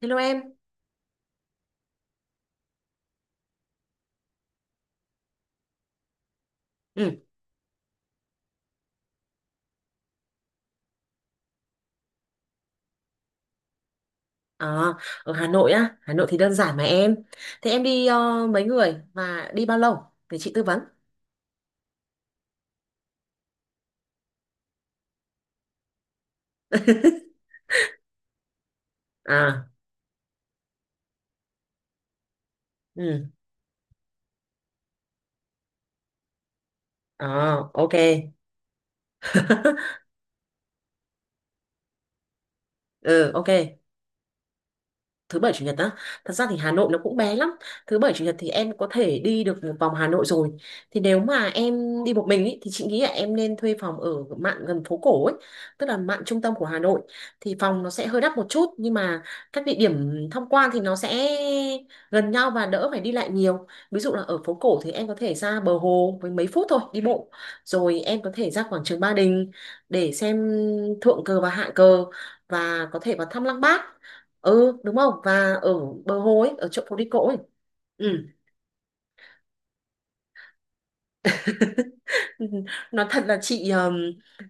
Hello em. Ừ. À, ở Hà Nội á, Hà Nội thì đơn giản mà em. Thế em đi mấy người và đi bao lâu để chị tư vấn? À, ừ. À, ok. Ừ, ok. Thứ bảy chủ nhật á? Thật ra thì Hà Nội nó cũng bé lắm. Thứ bảy chủ nhật thì em có thể đi được một vòng Hà Nội rồi. Thì nếu mà em đi một mình ý, thì chị nghĩ là em nên thuê phòng ở mạn gần phố cổ ấy, tức là mạn trung tâm của Hà Nội. Thì phòng nó sẽ hơi đắt một chút, nhưng mà các địa điểm tham quan thì nó sẽ gần nhau và đỡ phải đi lại nhiều. Ví dụ là ở phố cổ thì em có thể ra bờ hồ với mấy phút thôi đi bộ, rồi em có thể ra quảng trường Ba Đình để xem thượng cờ và hạ cờ, và có thể vào thăm Lăng Bác. Ừ đúng không, và ở bờ hồ ấy, ở chỗ phố đi cỗ ấy. Ừ. Nói thật là chị ừm,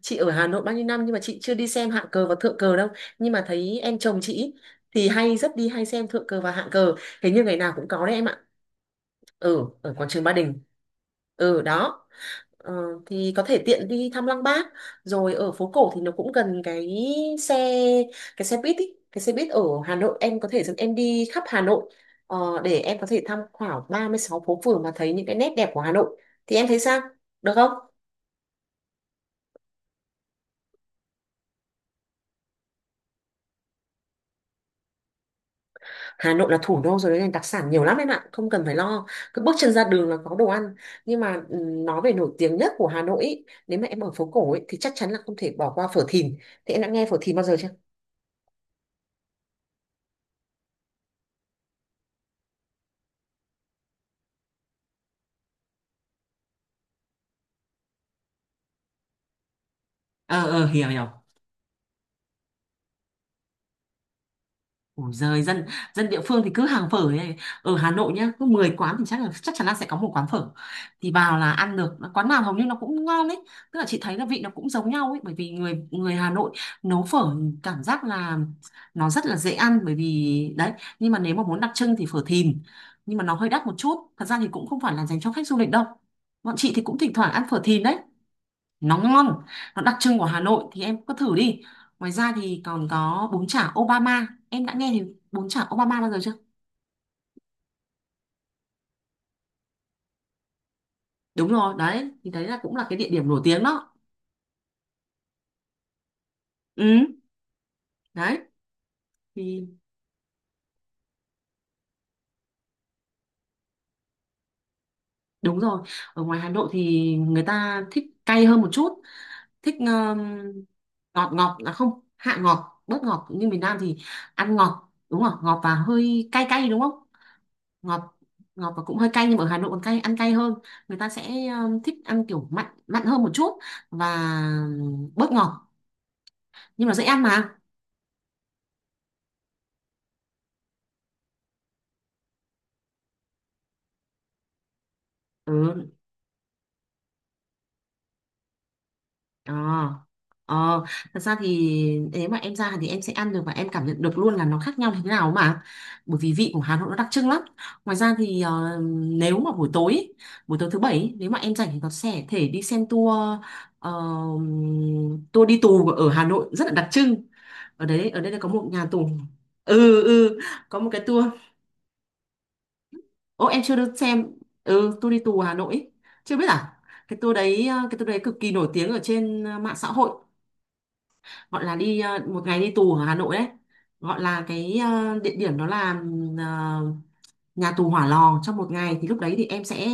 chị ở Hà Nội bao nhiêu năm nhưng mà chị chưa đi xem hạng cờ và thượng cờ đâu, nhưng mà thấy em chồng chị ý, thì hay rất đi hay xem thượng cờ và hạng cờ. Hình như ngày nào cũng có đấy em ạ, ở ở quảng trường Ba Đình. Ừ đó. Ờ, thì có thể tiện đi thăm Lăng Bác. Rồi ở phố cổ thì nó cũng gần xe cái xe buýt ý. Cái xe buýt ở Hà Nội em có thể dẫn em đi khắp Hà Nội, để em có thể tham khảo 36 phố phường mà thấy những cái nét đẹp của Hà Nội. Thì em thấy sao, được không? Hà Nội là thủ đô rồi nên đặc sản nhiều lắm em ạ, không cần phải lo. Cứ bước chân ra đường là có đồ ăn. Nhưng mà nói về nổi tiếng nhất của Hà Nội ý, nếu mà em ở phố cổ ý, thì chắc chắn là không thể bỏ qua phở Thìn. Thì em đã nghe phở Thìn bao giờ chưa? Ờ, ờ, hiểu hiểu. Ủa giời, dân dân địa phương thì cứ hàng phở này. Ở Hà Nội nhá, cứ 10 quán thì chắc chắn là sẽ có một quán phở. Thì vào là ăn được, quán nào hầu như nó cũng ngon ấy. Tức là chị thấy là vị nó cũng giống nhau ấy, bởi vì người người Hà Nội nấu phở cảm giác là nó rất là dễ ăn, bởi vì đấy, nhưng mà nếu mà muốn đặc trưng thì phở Thìn. Nhưng mà nó hơi đắt một chút, thật ra thì cũng không phải là dành cho khách du lịch đâu. Bọn chị thì cũng thỉnh thoảng ăn phở Thìn đấy, nóng ngon. Nó đặc trưng của Hà Nội thì em cứ thử đi. Ngoài ra thì còn có bún chả Obama, em đã nghe thì bún chả Obama bao giờ chưa? Đúng rồi đấy, thì đấy là cũng là cái địa điểm nổi tiếng đó. Ừ đấy. Thì đúng rồi, ở ngoài Hà Nội thì người ta thích cay hơn một chút. Thích ngọt, ngọt là không, hạ ngọt, bớt ngọt, nhưng miền Nam thì ăn ngọt đúng không? Ngọt và hơi cay cay đúng không? Ngọt, ngọt và cũng hơi cay, nhưng mà ở Hà Nội còn cay, ăn cay hơn. Người ta sẽ thích ăn kiểu mặn mặn hơn một chút và bớt ngọt. Nhưng mà dễ ăn mà. Ừ. Ờ, ờ. Thật ra thì nếu mà em ra thì em sẽ ăn được và em cảm nhận được luôn là nó khác nhau như thế nào mà, bởi vì vị của Hà Nội nó đặc trưng lắm. Ngoài ra thì, nếu mà buổi tối ý, buổi tối thứ bảy ý, nếu mà em rảnh thì có sẽ thể đi xem tour. ờ, Tour đi tù ở Hà Nội rất là đặc trưng. Ở đây là có một nhà tù. Ừ, ừ. Có một cái tour. Ô, em chưa được xem. Ừ, tour đi tù Hà Nội ấy. Chưa biết à? Cái tour đấy cực kỳ nổi tiếng ở trên mạng xã hội, gọi là đi một ngày đi tù ở Hà Nội đấy. Gọi là cái, địa điểm đó là ờ, nhà tù Hỏa Lò trong một ngày. Thì lúc đấy thì em sẽ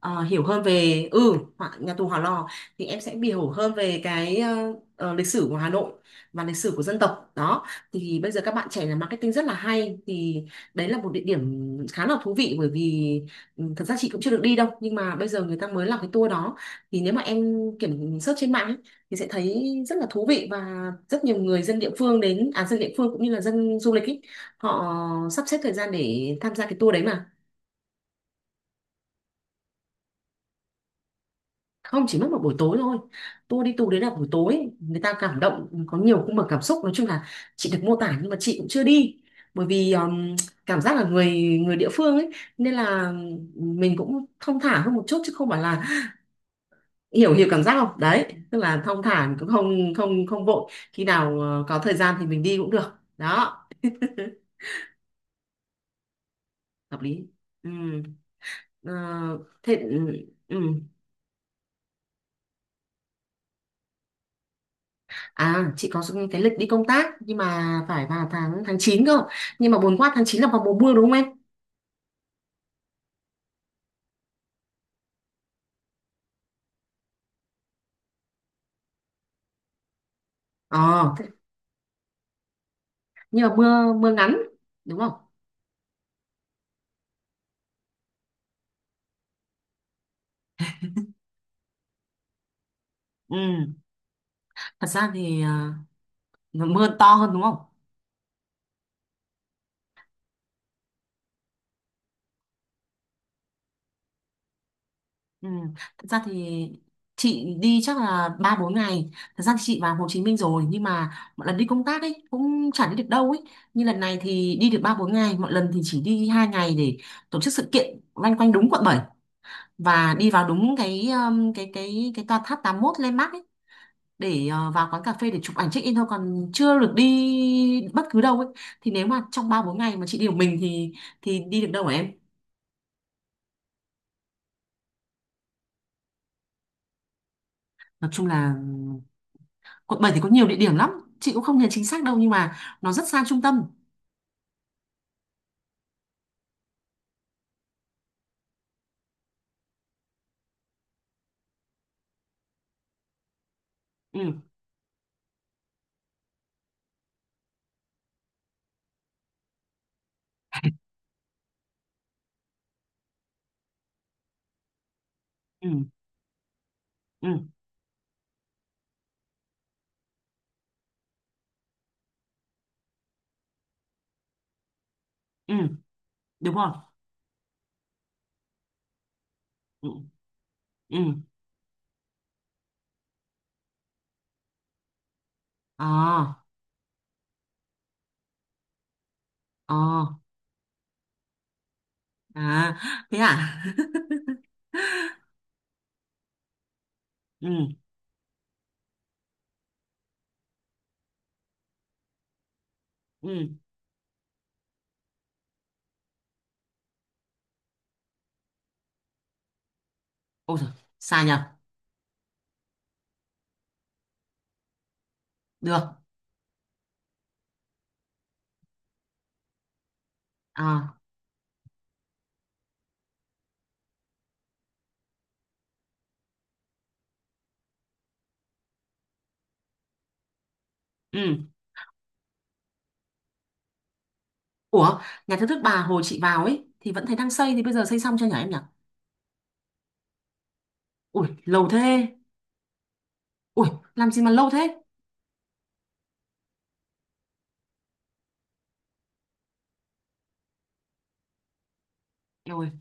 hiểu hơn về nhà tù Hỏa Lò. Thì em sẽ hiểu hơn về cái lịch sử của Hà Nội và lịch sử của dân tộc đó. Thì bây giờ các bạn trẻ làm marketing rất là hay, thì đấy là một địa điểm khá là thú vị, bởi vì thật ra chị cũng chưa được đi đâu, nhưng mà bây giờ người ta mới làm cái tour đó. Thì nếu mà em kiểm search trên mạng ấy, thì sẽ thấy rất là thú vị, và rất nhiều người dân địa phương đến, à, dân địa phương cũng như là dân du lịch ý, họ sắp xếp thời gian để tham gia cái tour đấy mà. Không, chỉ mất một buổi tối thôi. Tour đấy là buổi tối, người ta cảm động, có nhiều cung bậc cảm xúc, nói chung là chị được mô tả, nhưng mà chị cũng chưa đi, bởi vì cảm giác là người người địa phương ấy, nên là mình cũng thong thả hơn một chút chứ không phải là, hiểu hiểu cảm giác không đấy, tức là thong thả, cũng không, không không vội, khi nào có thời gian thì mình đi cũng được. Đó. Hợp lý. Ừ. Ờ, thế. Ừ. Ừ. À, chị có cái lịch đi công tác nhưng mà phải vào tháng tháng 9 cơ. Nhưng mà buồn quá, tháng 9 là vào mùa mưa đúng không em? Ờ, nhưng mà mưa, mưa ngắn đúng không? Ừ, thật ra thì à, mưa to hơn đúng không? Ừ, thật ra thì chị đi chắc là 3 4 ngày. Thật ra thì chị vào Hồ Chí Minh rồi nhưng mà mọi lần đi công tác ấy cũng chả đi được đâu ấy. Như lần này thì đi được 3 4 ngày, mọi lần thì chỉ đi 2 ngày để tổ chức sự kiện loanh quanh đúng quận 7, và đi vào đúng cái tòa tháp 81 landmark ấy để vào quán cà phê để chụp ảnh check in thôi, còn chưa được đi bất cứ đâu ấy. Thì nếu mà trong 3 4 ngày mà chị đi một mình thì đi được đâu hả em? Nói chung là quận 7 thì có nhiều địa điểm lắm, chị cũng không nhớ chính xác đâu, nhưng mà nó rất xa trung tâm. Ừ, ừ, ừ, ừ. Đúng rồi. Ừ, ừ. Ờ, ờ. À, thế à? Ừ, ừ. Ôi giời, xa nhờ. Được. Ờ. Ừ. Ủa, nhà thờ Đức Bà hồi chị vào ấy thì vẫn thấy đang xây, thì bây giờ xây xong chưa nhỉ em nhỉ? Ui, lâu thế. Ui, làm gì mà lâu thế? Eo ơi,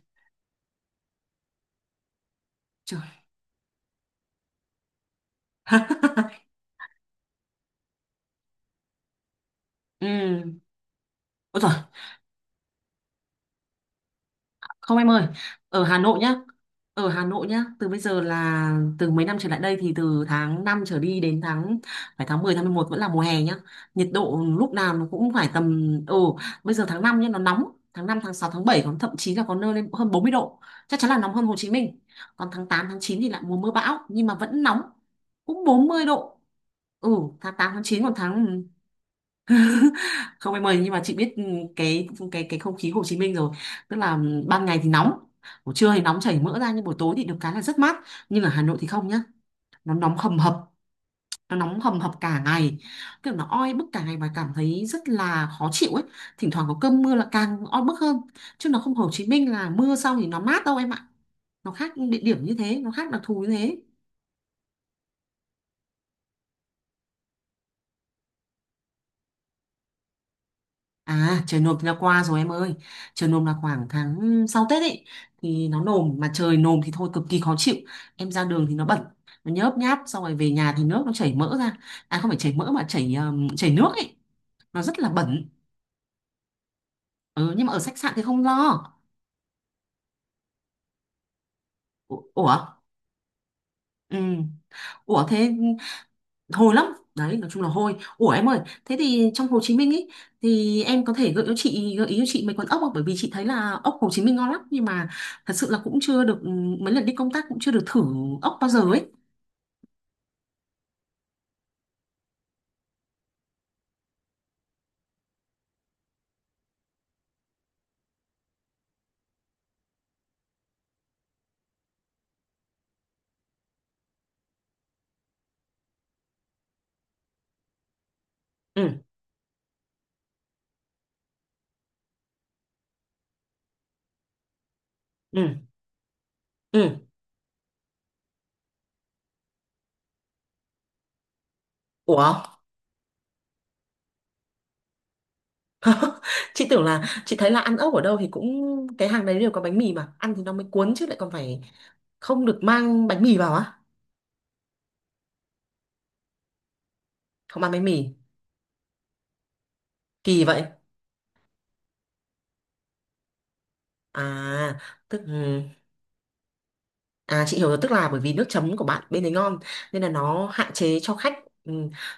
trời. Ừ. Ôi trời. Không em ơi, ở Hà Nội nhá. Ở Hà Nội nhá, từ bây giờ là từ mấy năm trở lại đây thì từ tháng 5 trở đi đến tháng, phải tháng 10, tháng 11 vẫn là mùa hè nhá. Nhiệt độ lúc nào nó cũng phải tầm, bây giờ tháng 5 nhá nó nóng, tháng 5 tháng 6 tháng 7 còn thậm chí là có nơi lên hơn 40 độ. Chắc chắn là nóng hơn Hồ Chí Minh. Còn tháng 8 tháng 9 thì lại mùa mưa bão nhưng mà vẫn nóng, cũng 40 độ. Ừ, tháng 8 tháng 9, còn không em ơi, nhưng mà chị biết cái không khí Hồ Chí Minh rồi. Tức là ban ngày thì nóng, buổi trưa thì nóng chảy mỡ ra, nhưng buổi tối thì được cái là rất mát. Nhưng ở Hà Nội thì không nhá, nó nóng hầm hập, nó nóng hầm hập cả ngày, kiểu nó oi bức cả ngày và cảm thấy rất là khó chịu ấy. Thỉnh thoảng có cơn mưa là càng oi bức hơn, chứ nó không, Hồ Chí Minh là mưa xong thì nó mát đâu em ạ. Nó khác địa điểm như thế, nó khác đặc thù như thế. À, trời nồm là qua rồi em ơi. Trời nồm là khoảng tháng sau Tết ấy, thì nó nồm, mà trời nồm thì thôi cực kỳ khó chịu. Em ra đường thì nó bẩn, nó nhớp nháp, xong rồi về nhà thì nước nó chảy mỡ ra. À không phải chảy mỡ, mà chảy chảy nước ấy, nó rất là bẩn. Ừ, nhưng mà ở khách sạn thì không lo. Ủa, ừ. Ủa thế, hôi lắm đấy, nói chung là hôi. Ủa em ơi, thế thì trong Hồ Chí Minh ý, thì em có thể gợi ý cho chị mấy quán ốc không, bởi vì chị thấy là ốc Hồ Chí Minh ngon lắm, nhưng mà thật sự là cũng chưa được, mấy lần đi công tác cũng chưa được thử ốc bao giờ ấy. Ừ, ừ, ừ. Ủa, chị thấy là ăn ốc ở đâu thì cũng cái hàng đấy đều có bánh mì mà ăn thì nó mới cuốn, chứ lại còn phải không được mang bánh mì vào á? Không mang bánh mì, kỳ vậy? À, tức À chị hiểu rồi, tức là bởi vì nước chấm của bạn bên đấy ngon, nên là nó hạn chế cho khách ừ,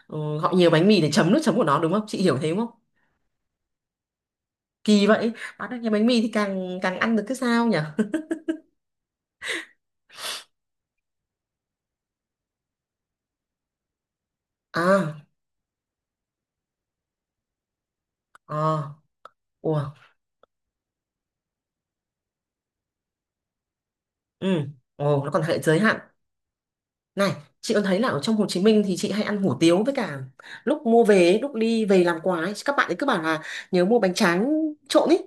ừ, gọi nhiều bánh mì để chấm nước chấm của nó đúng không? Chị hiểu thế đúng không? Kỳ vậy, bán được nhiều bánh mì thì càng càng ăn được cái sao nhỉ? À, à, ủa, ừ, ồ, nó còn hệ giới hạn. Này, chị có thấy là ở trong Hồ Chí Minh thì chị hay ăn hủ tiếu, với cả lúc mua về ấy, lúc đi về làm quà ấy, các bạn ấy cứ bảo là nhớ mua bánh tráng trộn ý.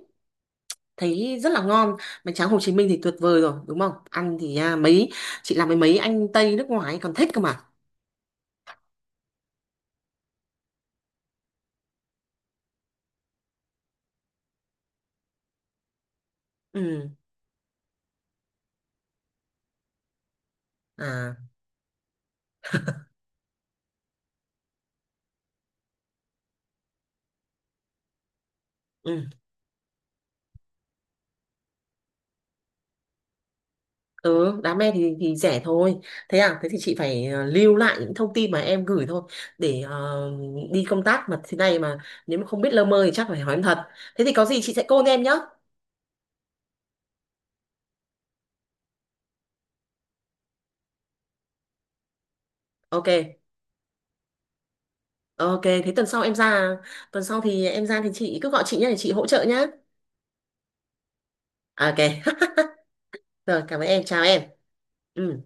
Thấy rất là ngon. Bánh tráng Hồ Chí Minh thì tuyệt vời rồi đúng không? Ăn thì à, mấy chị làm với mấy anh Tây nước ngoài ấy còn thích cơ mà. Ừ. À. Ừ. Ừ đá me thì rẻ thôi. Thế à, thế thì chị phải à, lưu lại những thông tin mà em gửi thôi, để đi công tác mà thế này mà, nếu mà không biết lơ mơ thì chắc phải hỏi em thật. Thế thì có gì chị sẽ call em nhá. Ok. Ok, thế tuần sau em ra. Tuần sau thì em ra thì chị cứ gọi chị nhá, để chị hỗ trợ nhá. Ok. Rồi cảm ơn em, chào em. Ừ.